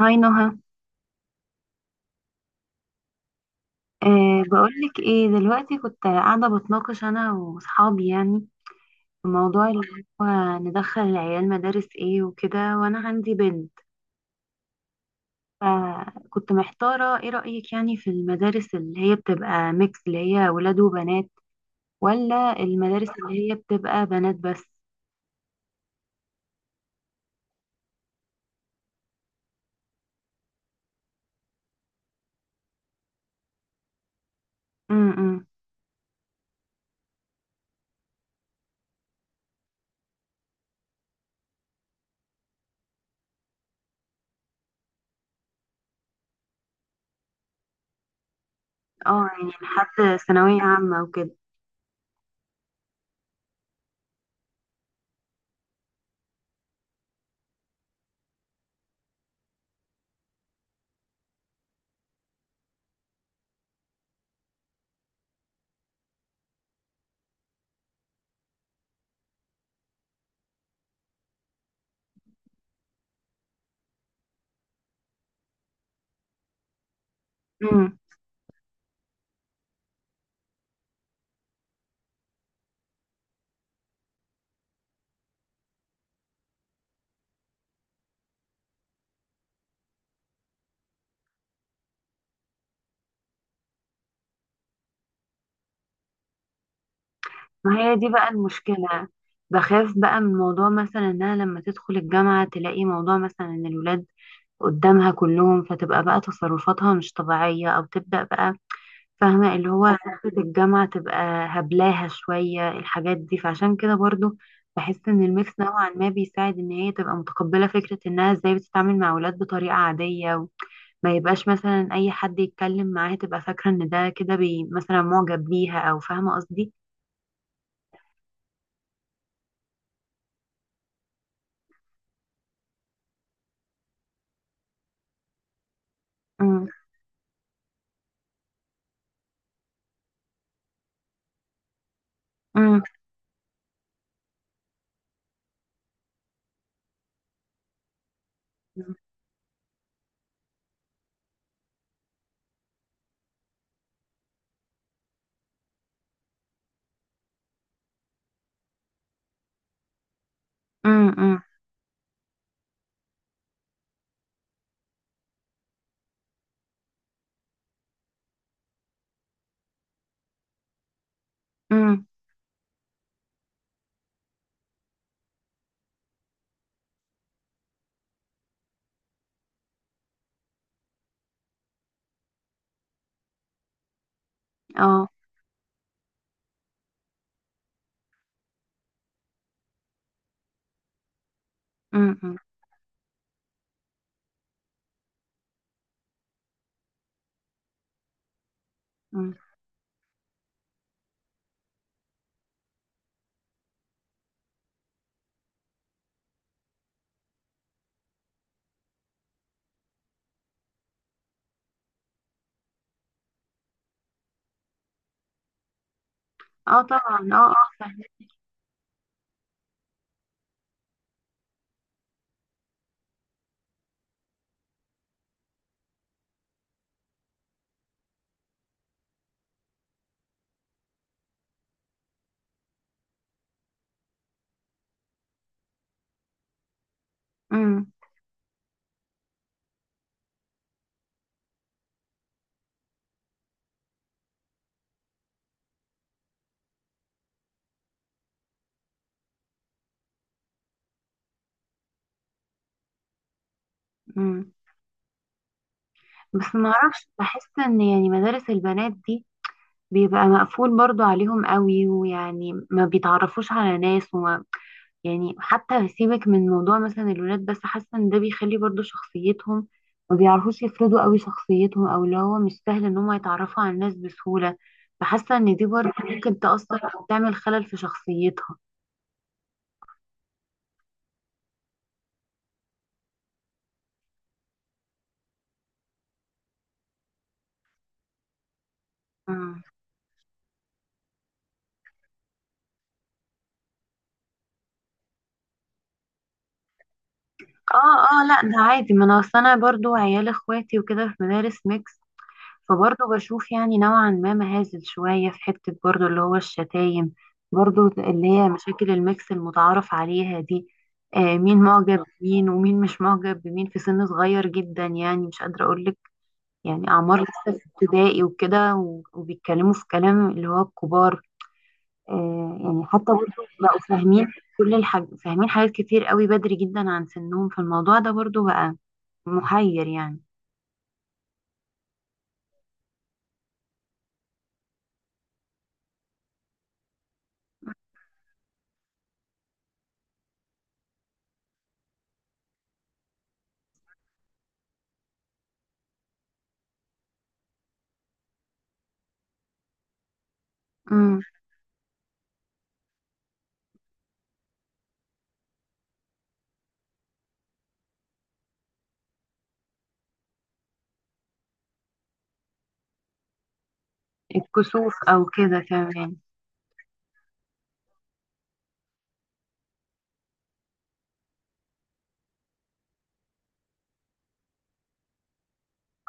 هاي نهى. بقولك ايه دلوقتي؟ كنت قاعدة بتناقش أنا وصحابي، يعني في موضوع اللي هو ندخل العيال مدارس ايه وكده، وأنا عندي بنت، فكنت محتارة ايه رأيك يعني في المدارس اللي هي بتبقى ميكس، اللي هي ولاد وبنات، ولا المدارس اللي هي بتبقى بنات بس؟ امم اه يعني لحد ثانوية عامة وكده. امم ما هي دي بقى المشكلة، بخاف بقى من موضوع مثلا انها لما تدخل الجامعة تلاقي موضوع مثلا ان الولاد قدامها كلهم، فتبقى بقى تصرفاتها مش طبيعية أو تبدأ بقى فاهمة اللي هو حتة الجامعة تبقى هبلاها شوية الحاجات دي. فعشان كده برضو بحس إن الميكس نوعا ما بيساعد إن هي تبقى متقبلة فكرة إنها إزاي بتتعامل مع أولاد بطريقة عادية، وما يبقاش مثلا أي حد يتكلم معاها تبقى فاكرة إن ده كده بي مثلا معجب بيها، أو فاهمة قصدي؟ أمم، أمم، أمم، أمم، أمم، أه. أمم، أمم. أه طبعا، أه أه فاهمة. أمم، أمم. بس ما اعرفش، بحس ان يعني مدارس البنات دي بيبقى مقفول برضو عليهم قوي، ويعني ما بيتعرفوش على ناس، وما يعني حتى سيبك من موضوع مثلا الولاد، بس حاسه ان ده بيخلي برضو شخصيتهم ما بيعرفوش يفرضوا قوي شخصيتهم، او اللي هو مش سهل ان هم يتعرفوا على الناس بسهوله. فحاسه ان دي برضو ممكن تأثر او تعمل خلل في شخصيتها. مم. اه اه لا، ده عادي، ما انا اصل انا برضو عيال اخواتي وكده في مدارس ميكس، فبرضه بشوف يعني نوعا ما مهازل شوية في حتة برضه اللي هو الشتايم، برضه اللي هي مشاكل الميكس المتعارف عليها دي. آه مين معجب بمين ومين مش معجب بمين في سن صغير جدا، يعني مش قادرة أقولك، يعني أعمار لسه في ابتدائي وكده وبيتكلموا في كلام اللي هو الكبار. آه يعني حتى برضه بقوا فاهمين، كل الحاج فاهمين حاجات كتير قوي بدري جدا عن سنهم، فالموضوع ده برضه بقى محير يعني. امم الكسوف أو كده كمان.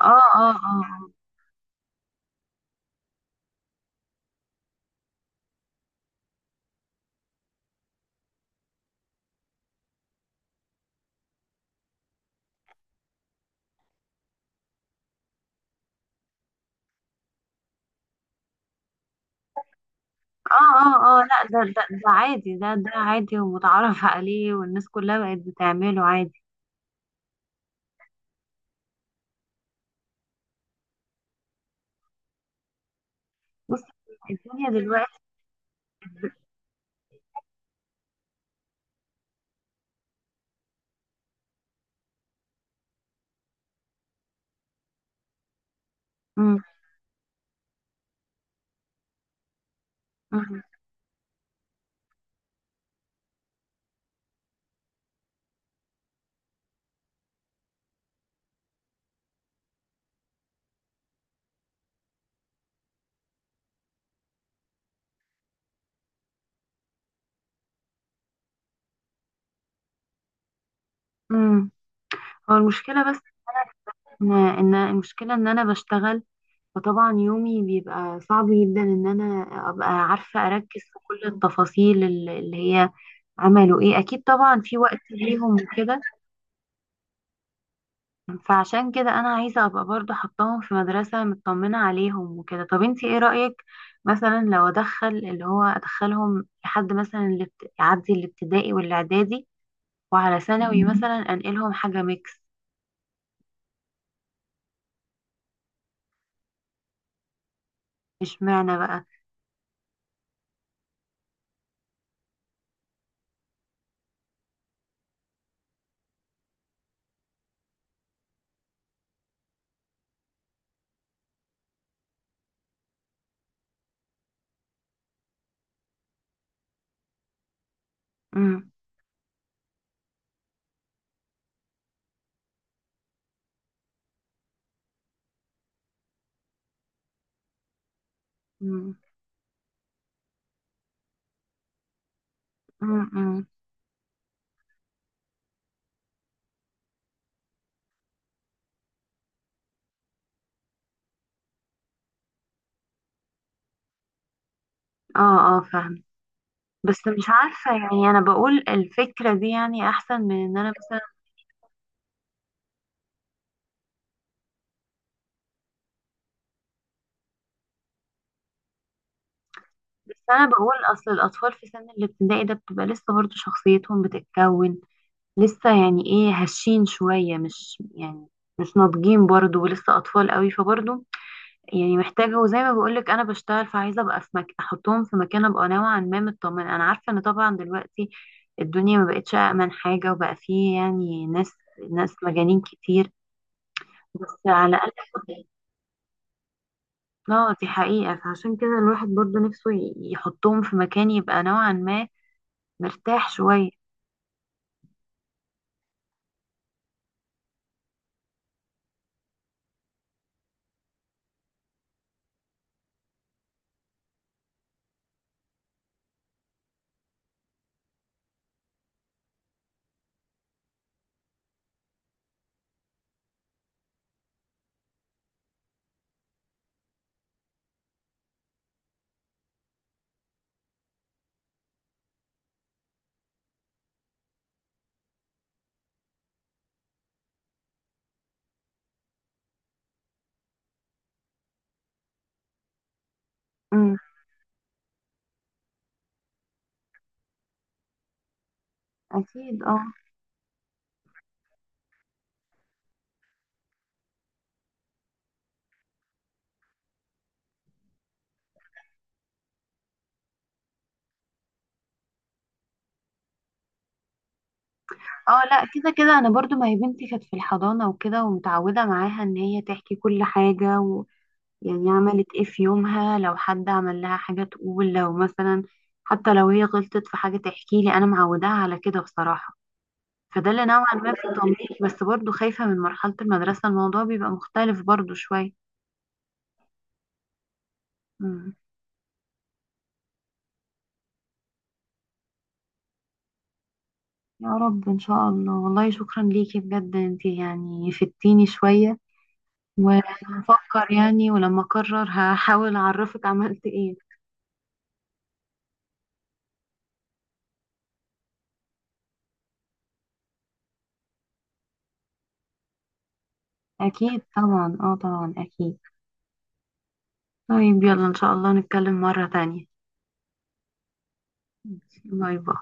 اه اه اه، اه اه اه، لا ده عادي، ده ده عادي ومتعارف عليه، والناس كلها بقت بتعمله عادي. بص، الدنيا دلوقتي. مم، مم، مم. هو المشكلة بس ان المشكلة ان انا بشتغل، فطبعا يومي بيبقى صعب جدا ان انا ابقى عارفة اركز في كل التفاصيل اللي هي عملوا ايه، اكيد طبعا في وقت ليهم وكده. فعشان كده انا عايزه ابقى برضو حطاهم في مدرسه مطمنه عليهم وكده. طب انتي ايه رايك مثلا لو ادخل اللي هو ادخلهم لحد مثلا يعدي الابتدائي والاعدادي وعلى ثانوي، مم، مثلا انقلهم حاجه ميكس؟ اشمعنى بقى؟ امم امم امم اه اه فاهم. بس مش عارفه، يعني انا بقول الفكره دي يعني احسن من ان انا مثلا، بس انا بقول اصل الاطفال في سن الابتدائي ده بتبقى لسه برضو شخصيتهم بتتكون، لسه يعني ايه، هشين شوية، مش يعني مش ناضجين برضو ولسه أطفال قوي. فبرضو يعني محتاجة، وزي ما بقولك أنا بشتغل، فعايزة أبقى في أحطهم في مكان أبقى نوعا ما مطمنة. أنا عارفة إن طبعا دلوقتي الدنيا ما بقتش أأمن حاجة، وبقى فيه يعني ناس مجانين كتير، بس على الأقل اه دي حقيقة، فعشان كده الواحد برضو نفسه يحطهم في مكان يبقى نوعا ما مرتاح شوية. امم أكيد اه. اه لا، كده انا برضو، ما هي بنتي كانت في الحضانة وكده ومتعودة معاها ان هي تحكي كل حاجة و... يعني عملت ايه في يومها، لو حد عمل لها حاجة تقول، لو مثلا حتى لو هي غلطت في حاجة تحكي لي، انا معوداها على كده بصراحة. فده اللي نوعا ما في تمريك، بس برضو خايفة من مرحلة المدرسة، الموضوع بيبقى مختلف برضو شوية. مم. يا رب ان شاء الله. والله شكرا ليكي بجد، انتي يعني فدتيني شوية، وهفكر يعني، ولما اقرر هحاول اعرفك عملت ايه. أكيد طبعا، اه طبعا أكيد. طيب يلا إن شاء الله نتكلم مرة تانية. باي باي.